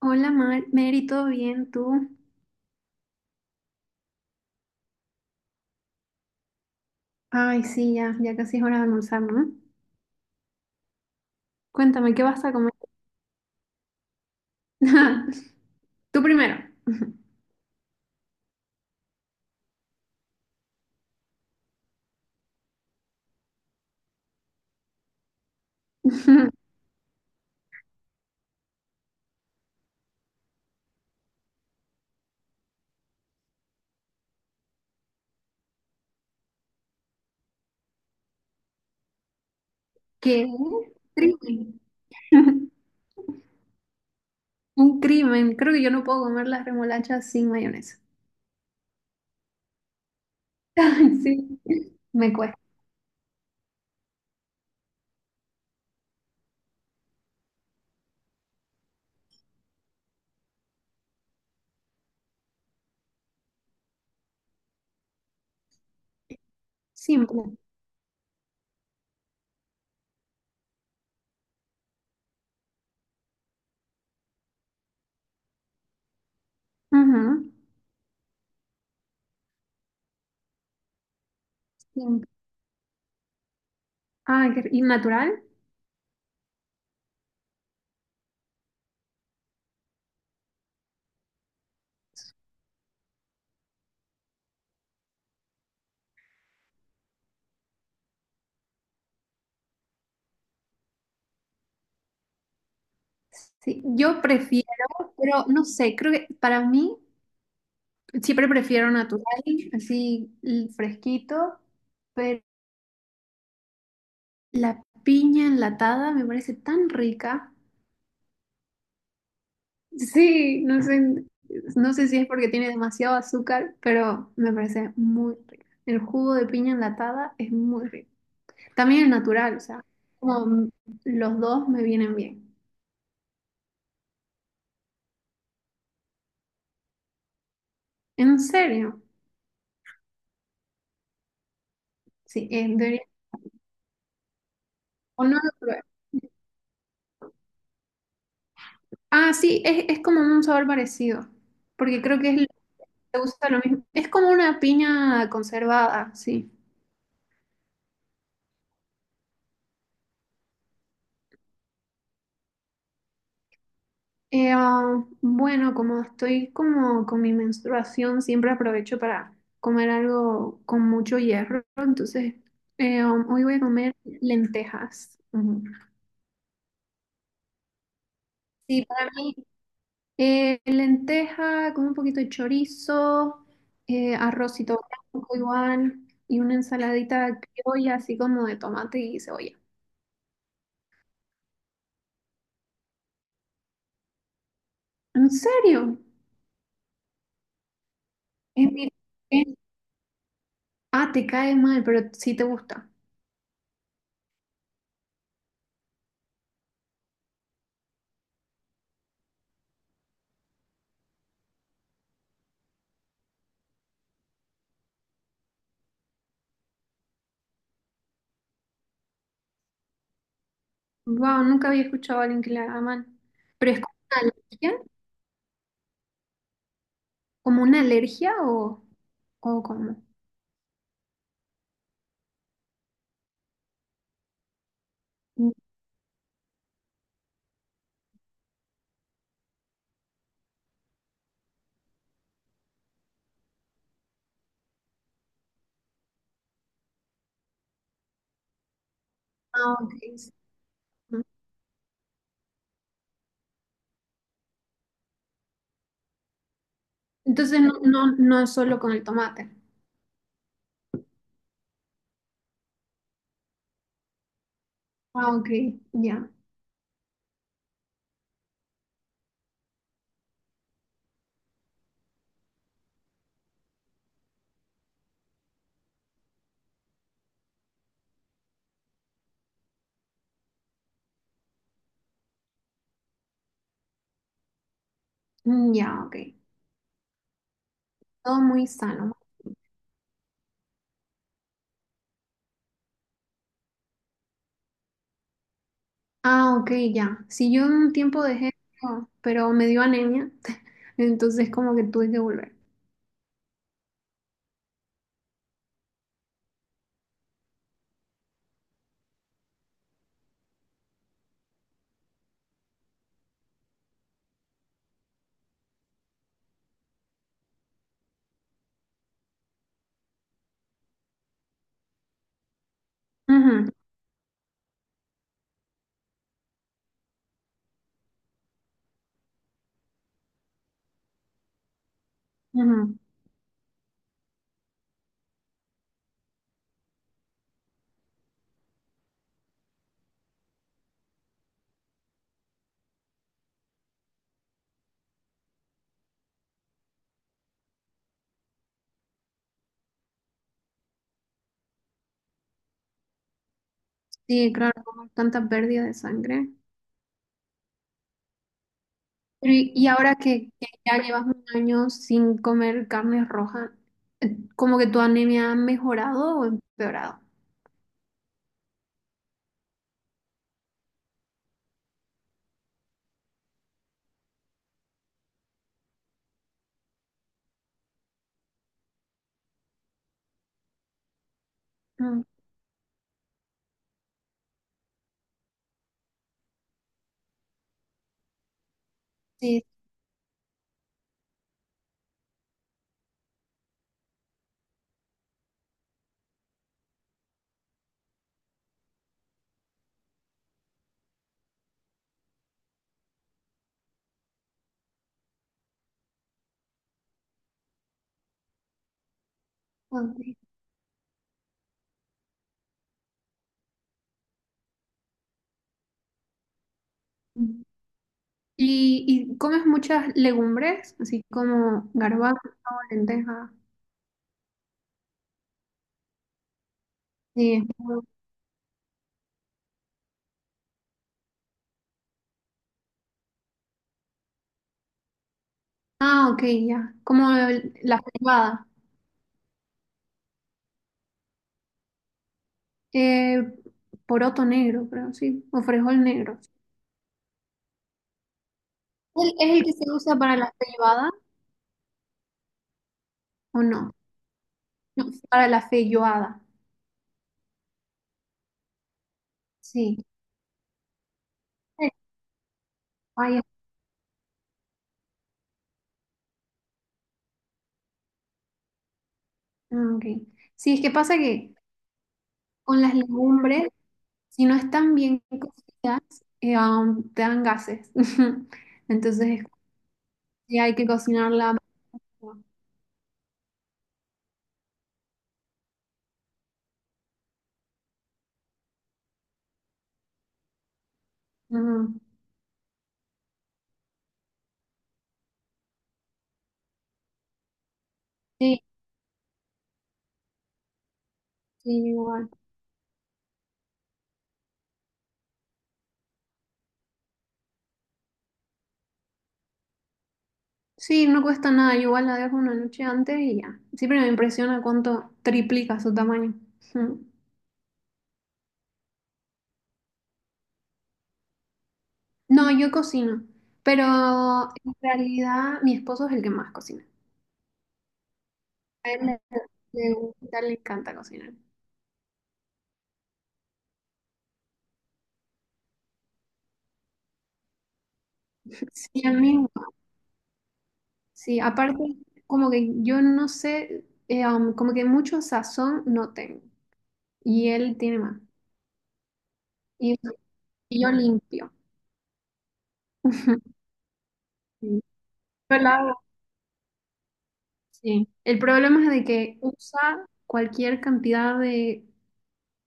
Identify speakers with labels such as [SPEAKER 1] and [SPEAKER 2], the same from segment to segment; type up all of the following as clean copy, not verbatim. [SPEAKER 1] Hola Mar Mary, ¿todo bien tú? Ay, sí, ya, ya casi es hora de almorzar, ¿no? Cuéntame, ¿qué vas a comer? Tú primero. ¿Qué? Crimen. Un crimen. Creo que yo no puedo comer las remolachas sin mayonesa. Sí, me cuesta. Siempre. Ujú. Siempre. ¿Y natural? Sí, yo prefiero, pero no sé, creo que para mí siempre prefiero natural, fresquito. La piña enlatada me parece tan rica. Sí, no sé, no sé si es porque tiene demasiado azúcar, pero me parece muy rica. El jugo de piña enlatada es muy rico. También el natural, o sea, como m- los dos me vienen bien. ¿En serio? Sí, o no lo probé. Ah, sí, es como un sabor parecido, porque creo que se usa lo mismo. Es como una piña conservada, sí. Eh, ah, bueno, como estoy como con mi menstruación, siempre aprovecho para comer algo con mucho hierro, entonces hoy voy a comer lentejas. Ujú. Sí, para mí lenteja con un poquito de chorizo, arrocito blanco igual y una ensaladita criolla así como de tomate y cebolla. ¿En serio? Es mi- es- ah, Te cae mal, pero sí te gusta. Wow, nunca había escuchado a alguien que la aman. ¿Pero es como una alergia? ¿Como una alergia o cómo? Ah, ok, sí. Entonces no, no es solo con el tomate. Ah, ok, ya. Mm, ya, ok. Todo muy sano. Ah, ok, ya. Si yo un tiempo dejé, oh, pero me dio anemia, entonces como que tuve que volver. Ujú, ujú. Sí, claro, como tanta pérdida de sangre. Pero y ahora que ya llevas un año sin comer carne roja, ¿como que tu anemia ha mejorado o empeorado? Mm, sí, ok. Mm. ¿Y, y comes muchas legumbres, así como garbanzo, lenteja? Sí. Ah, ok, ya. La frijolada. Eh, poroto negro, creo, sí. O frijol negro. ¿Es el que se usa para la feijoada o no? No, para la feijoada. Sí. Ay, ah, ok. Sí, es que pasa que con las legumbres, si no están bien cocidas, te dan gases. Entonces, sí, hay que cocinarla. Ujú. Sí, sí, igual. Sí, no cuesta nada. Yo igual la dejo una noche antes y ya. Siempre me impresiona cuánto triplica su tamaño. Ujú. No, yo cocino, pero en realidad mi esposo es el que más cocina. A él le, le gusta, le encanta cocinar. Sí, a mí. Sí, aparte, como que yo no sé, como que mucho sazón no tengo. Y él tiene más. Y, y yo limpio. Sí. Yo la sí. El problema es de que usa cualquier cantidad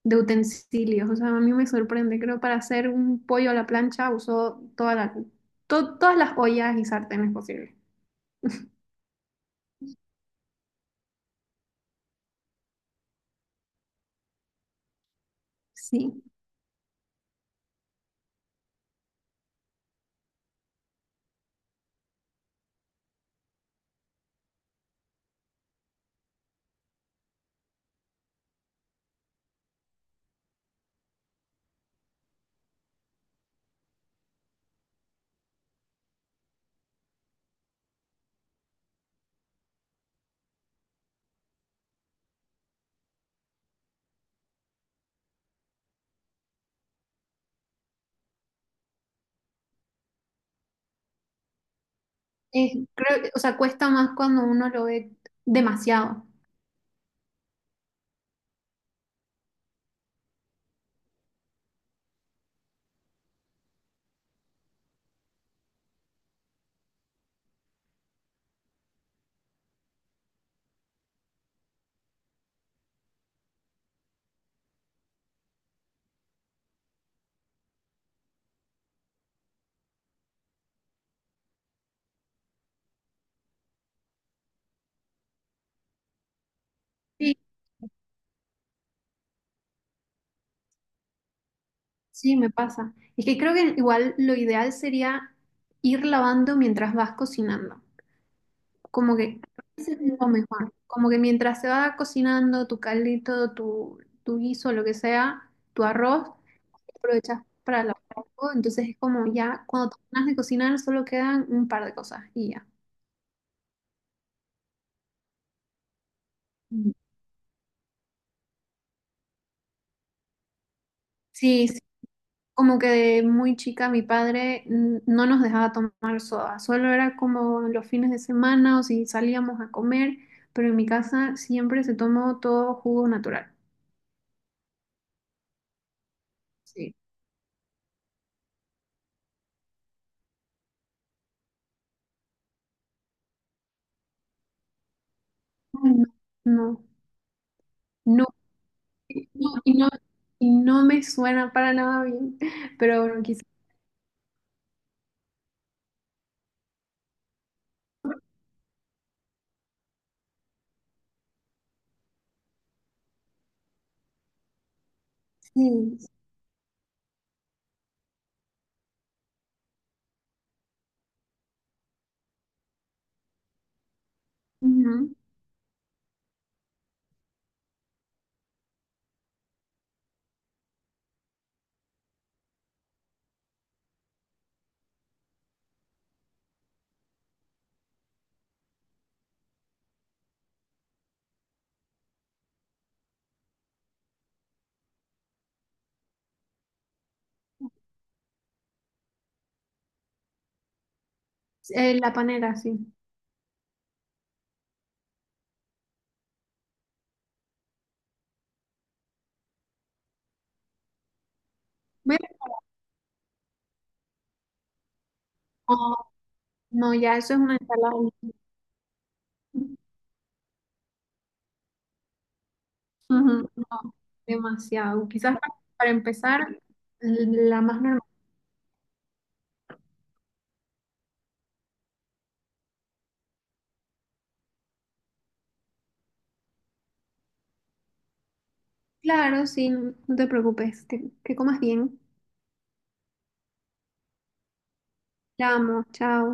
[SPEAKER 1] de utensilios. O sea, a mí me sorprende. Creo para hacer un pollo a la plancha usó todas las ollas y sartenes posibles. Sí. Creo, o sea, cuesta más cuando uno lo ve demasiado. Sí, me pasa. Es que creo que igual lo ideal sería ir lavando mientras vas cocinando. Como que lo mejor, como que mientras se va cocinando tu caldito, tu guiso, lo que sea, tu arroz, aprovechas para lavar algo. Entonces es como ya cuando terminas de cocinar solo quedan un par de cosas y ya. Mm. Sí, como que de muy chica mi padre mm, no nos dejaba tomar soda, solo era como los fines de semana o si salíamos a comer, pero en mi casa siempre se tomó todo jugo natural. Sí. Ay, no, no, no, y no, y no me suena para nada bien, pero bueno, quizás sí. Ujú. La panera, sí. ¿Ves? No, no, ya eso es una ensalada. Ujú, no, demasiado. Quizás para empezar, la más normal. Claro, sí, no te preocupes, que comas bien. La amo, chao.